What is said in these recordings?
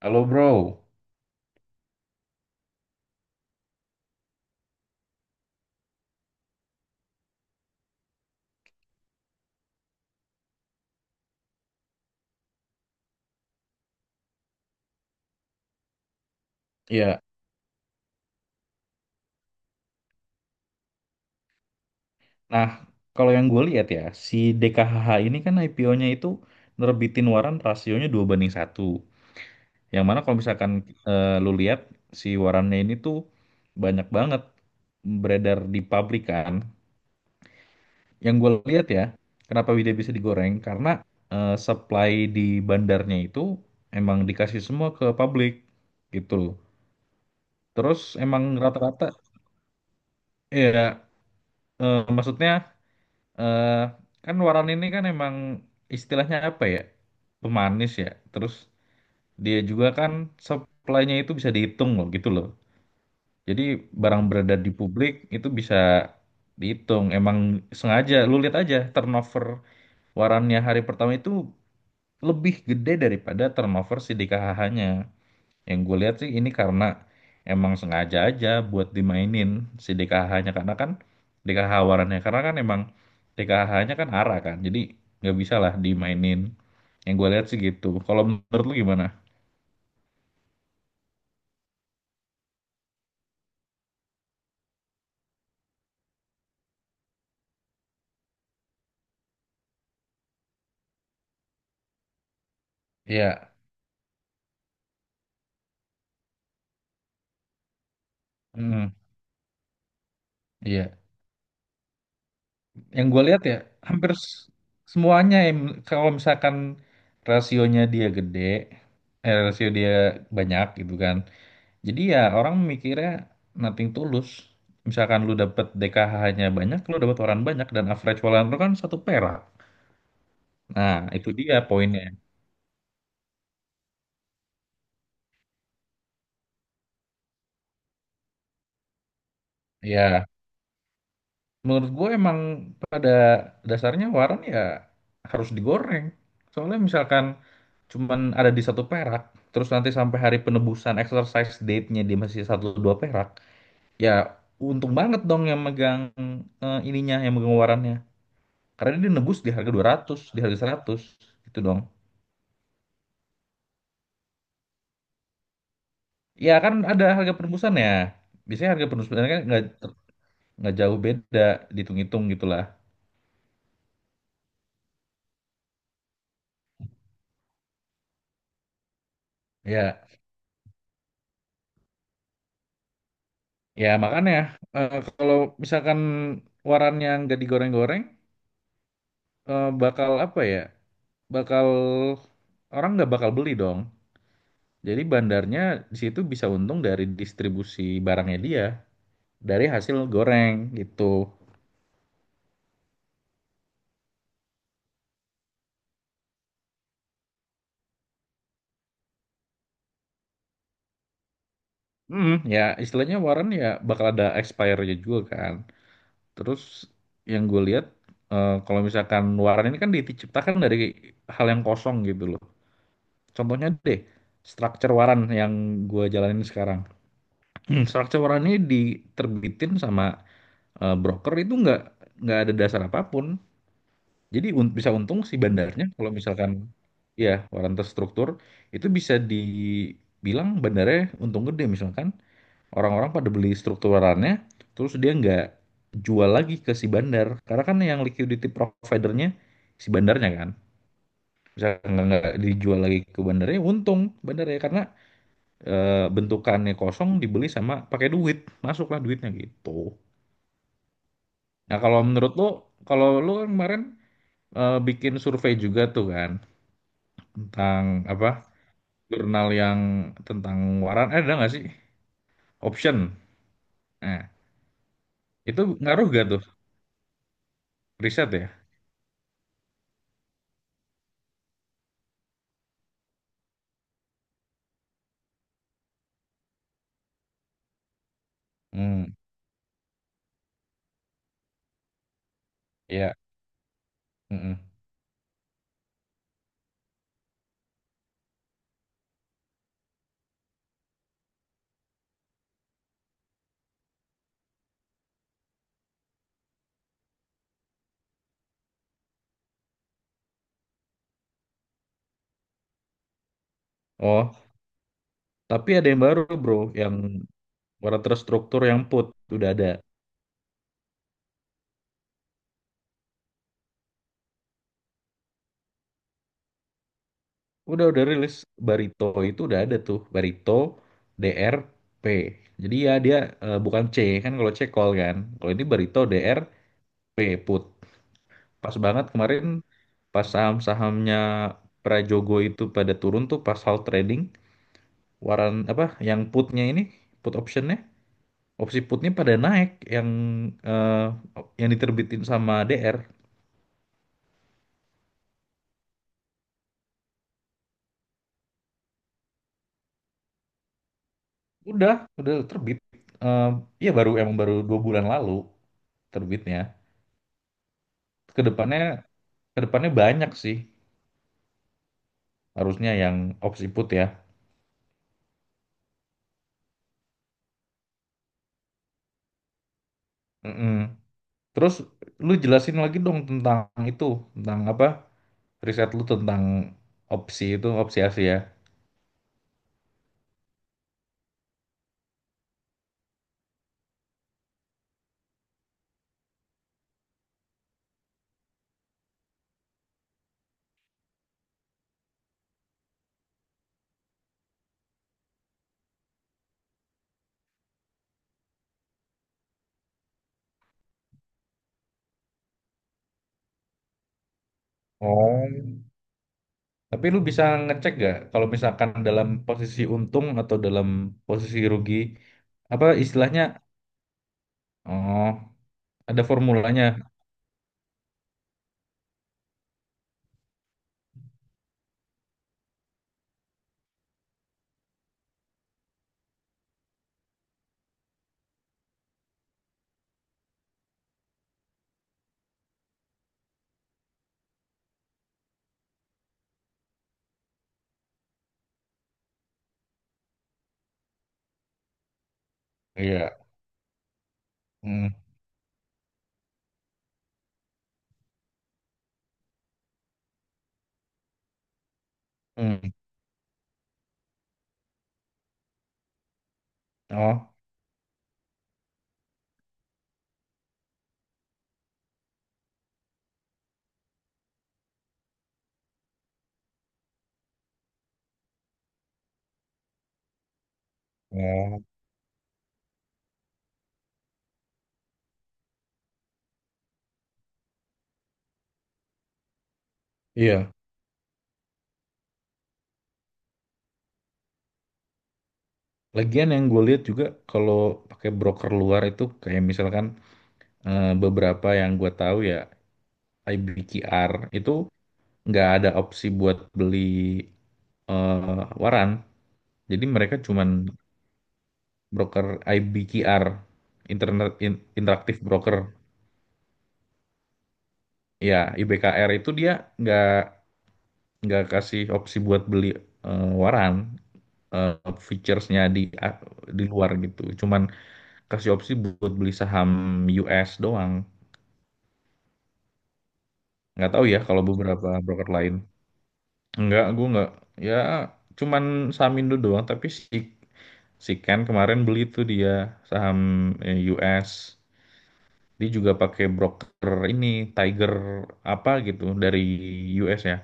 Halo bro, ya. Nah, kalau yang gue lihat ya, si DKHH ini kan IPO-nya itu nerbitin waran rasionya 2 banding satu. Yang mana kalau misalkan lu lihat si warannya ini tuh banyak banget beredar di publik kan. Yang gue lihat ya, kenapa dia bisa digoreng? Karena supply di bandarnya itu emang dikasih semua ke publik gitu. Terus emang rata-rata, ya maksudnya eh kan waran ini kan emang istilahnya apa ya? Pemanis ya. Terus dia juga kan supply-nya itu bisa dihitung loh gitu loh. Jadi barang beredar di publik itu bisa dihitung. Emang sengaja lu lihat aja turnover warannya hari pertama itu lebih gede daripada turnover si DKHH-nya. Yang gue lihat sih ini karena emang sengaja aja buat dimainin si DKH-nya, karena kan DKH warannya karena kan emang DKH-nya kan arah kan, jadi nggak bisa lah dimainin. Yang gue lihat sih gitu. Kalau menurut lu gimana? Iya. Hmm, iya. Yang gue lihat ya hampir semuanya kalau misalkan rasionya dia gede, rasio dia banyak gitu kan. Jadi ya orang mikirnya nothing tulus. Misalkan lu dapet DKH-nya banyak, lu dapet waran banyak dan average waran lu kan 1 perak. Nah, itu dia poinnya. Ya, menurut gue emang pada dasarnya waran ya harus digoreng. Soalnya misalkan cuman ada di 1 perak, terus nanti sampai hari penebusan exercise date-nya dia masih satu dua perak, ya untung banget dong yang megang ininya, yang megang warannya. Karena dia nebus di harga 200, di harga 100, gitu dong. Ya kan ada harga penembusan ya. Biasanya harga penembusan kan nggak nggak jauh beda, dihitung-hitung gitulah. Ya, ya makanya kalau misalkan warannya nggak digoreng-goreng, bakal apa ya? Bakal orang nggak bakal beli dong. Jadi bandarnya di situ bisa untung dari distribusi barangnya dia, dari hasil goreng gitu. Hmm, ya istilahnya waran ya bakal ada expire-nya juga kan. Terus yang gue lihat kalau misalkan waran ini kan diciptakan dari hal yang kosong gitu loh. Contohnya deh, structure waran yang gue jalanin sekarang. Structure waran ini diterbitin sama broker itu nggak ada dasar apapun. Jadi bisa untung si bandarnya kalau misalkan ya waran terstruktur itu, bisa dibilang bandarnya untung gede misalkan. Orang-orang pada beli strukturannya, terus dia nggak jual lagi ke si bandar. Karena kan yang liquidity providernya si bandarnya kan. Bisa nggak dijual lagi ke bandarnya, untung bandarnya. Karena bentukannya kosong dibeli sama pakai duit. Masuklah duitnya gitu. Nah kalau menurut lo, kalau lo kan kemarin bikin survei juga tuh kan. Tentang apa, jurnal yang tentang waran. Eh, ada nggak sih? Option. Nah, itu ngaruh gak tuh, riset ya? Hmm, iya. Mm-mm. Oh, tapi ada yang baru bro, yang warna terstruktur yang put udah ada. Udah rilis Barito itu, udah ada tuh Barito DRP. Jadi ya dia bukan C kan, kalau C call kan. Kalau ini Barito DRP put. Pas banget kemarin pas saham-sahamnya Prajogo itu pada turun tuh, pas hal trading waran apa yang putnya ini, put optionnya, opsi putnya pada naik, yang eh, yang diterbitin sama DR. Udah, udah terbit. Eh, Iya baru, emang baru 2 bulan lalu terbitnya. Kedepannya, kedepannya banyak sih harusnya yang opsi put ya. Mm-mm. Terus lu jelasin lagi dong tentang itu, tentang apa riset lu tentang opsi itu, opsi Asia. Oh. Tapi lu bisa ngecek gak kalau misalkan dalam posisi untung atau dalam posisi rugi, apa istilahnya? Oh, ada formulanya. Iya. Mm. Mm. Oh. Oh. Iya, lagian yang gue lihat juga kalau pakai broker luar itu kayak misalkan beberapa yang gue tahu ya, IBKR itu nggak ada opsi buat beli waran, jadi mereka cuman broker. IBKR Internet interaktif Broker ya, IBKR itu dia nggak nggak kasih opsi buat beli waran, featuresnya di luar gitu, cuman kasih opsi buat beli saham US doang. Nggak tahu ya kalau beberapa broker lain, nggak, gue nggak, ya cuman saham Indo doang. Tapi si si Ken kemarin beli tuh, dia saham US, dia juga pakai broker ini Tiger apa gitu dari US ya,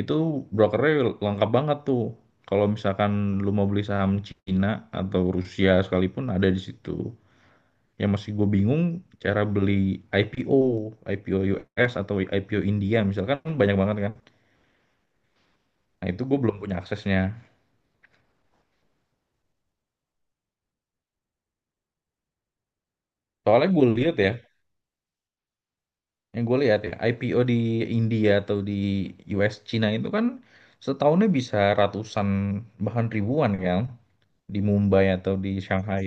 itu brokernya lengkap banget tuh. Kalau misalkan lu mau beli saham Cina atau Rusia sekalipun ada di situ. Yang masih gue bingung, cara beli IPO, IPO US atau IPO India misalkan banyak banget kan. Nah itu gue belum punya aksesnya. Soalnya gue lihat ya, yang gue lihat ya IPO di India atau di US, Cina itu kan setahunnya bisa ratusan bahkan ribuan kan, di Mumbai atau di Shanghai.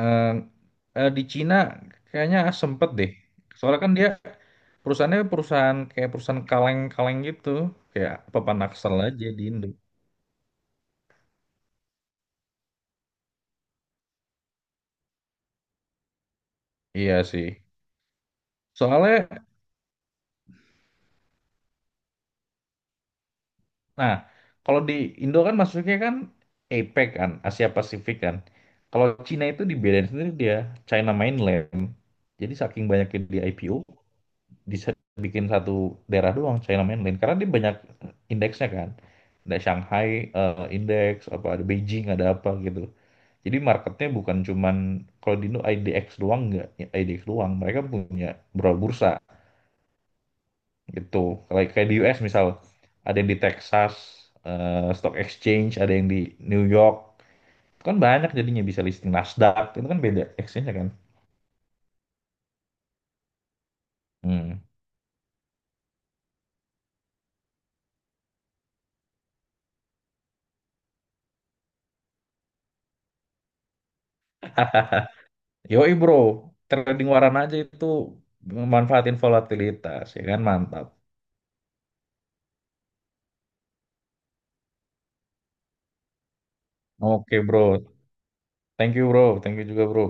Eh, di Cina kayaknya sempet deh. Soalnya kan dia perusahaannya, perusahaan kayak perusahaan kaleng-kaleng gitu, kayak apa pepanaksel aja di Indo. Iya sih. Soalnya Nah, kalau di Indo kan masuknya kan APEC kan, Asia Pasifik kan. Kalau Cina itu dibedain sendiri dia, China Mainland. Jadi saking banyaknya di IPO, bisa bikin satu daerah doang, China Mainland. Karena dia banyak indeksnya kan. Ada Shanghai Index, apa ada Beijing, ada apa gitu. Jadi marketnya bukan cuman kalau di Indo IDX doang, nggak, IDX doang. Mereka punya beberapa bursa gitu, kayak kayak di US misal ada yang di Texas Stock Exchange, ada yang di New York. Itu kan banyak, jadinya bisa listing Nasdaq itu kan beda exchange kan. Hmm. Yoi bro, trading waran aja itu memanfaatin volatilitas ya kan, mantap. Oke bro, thank you bro, thank you juga bro.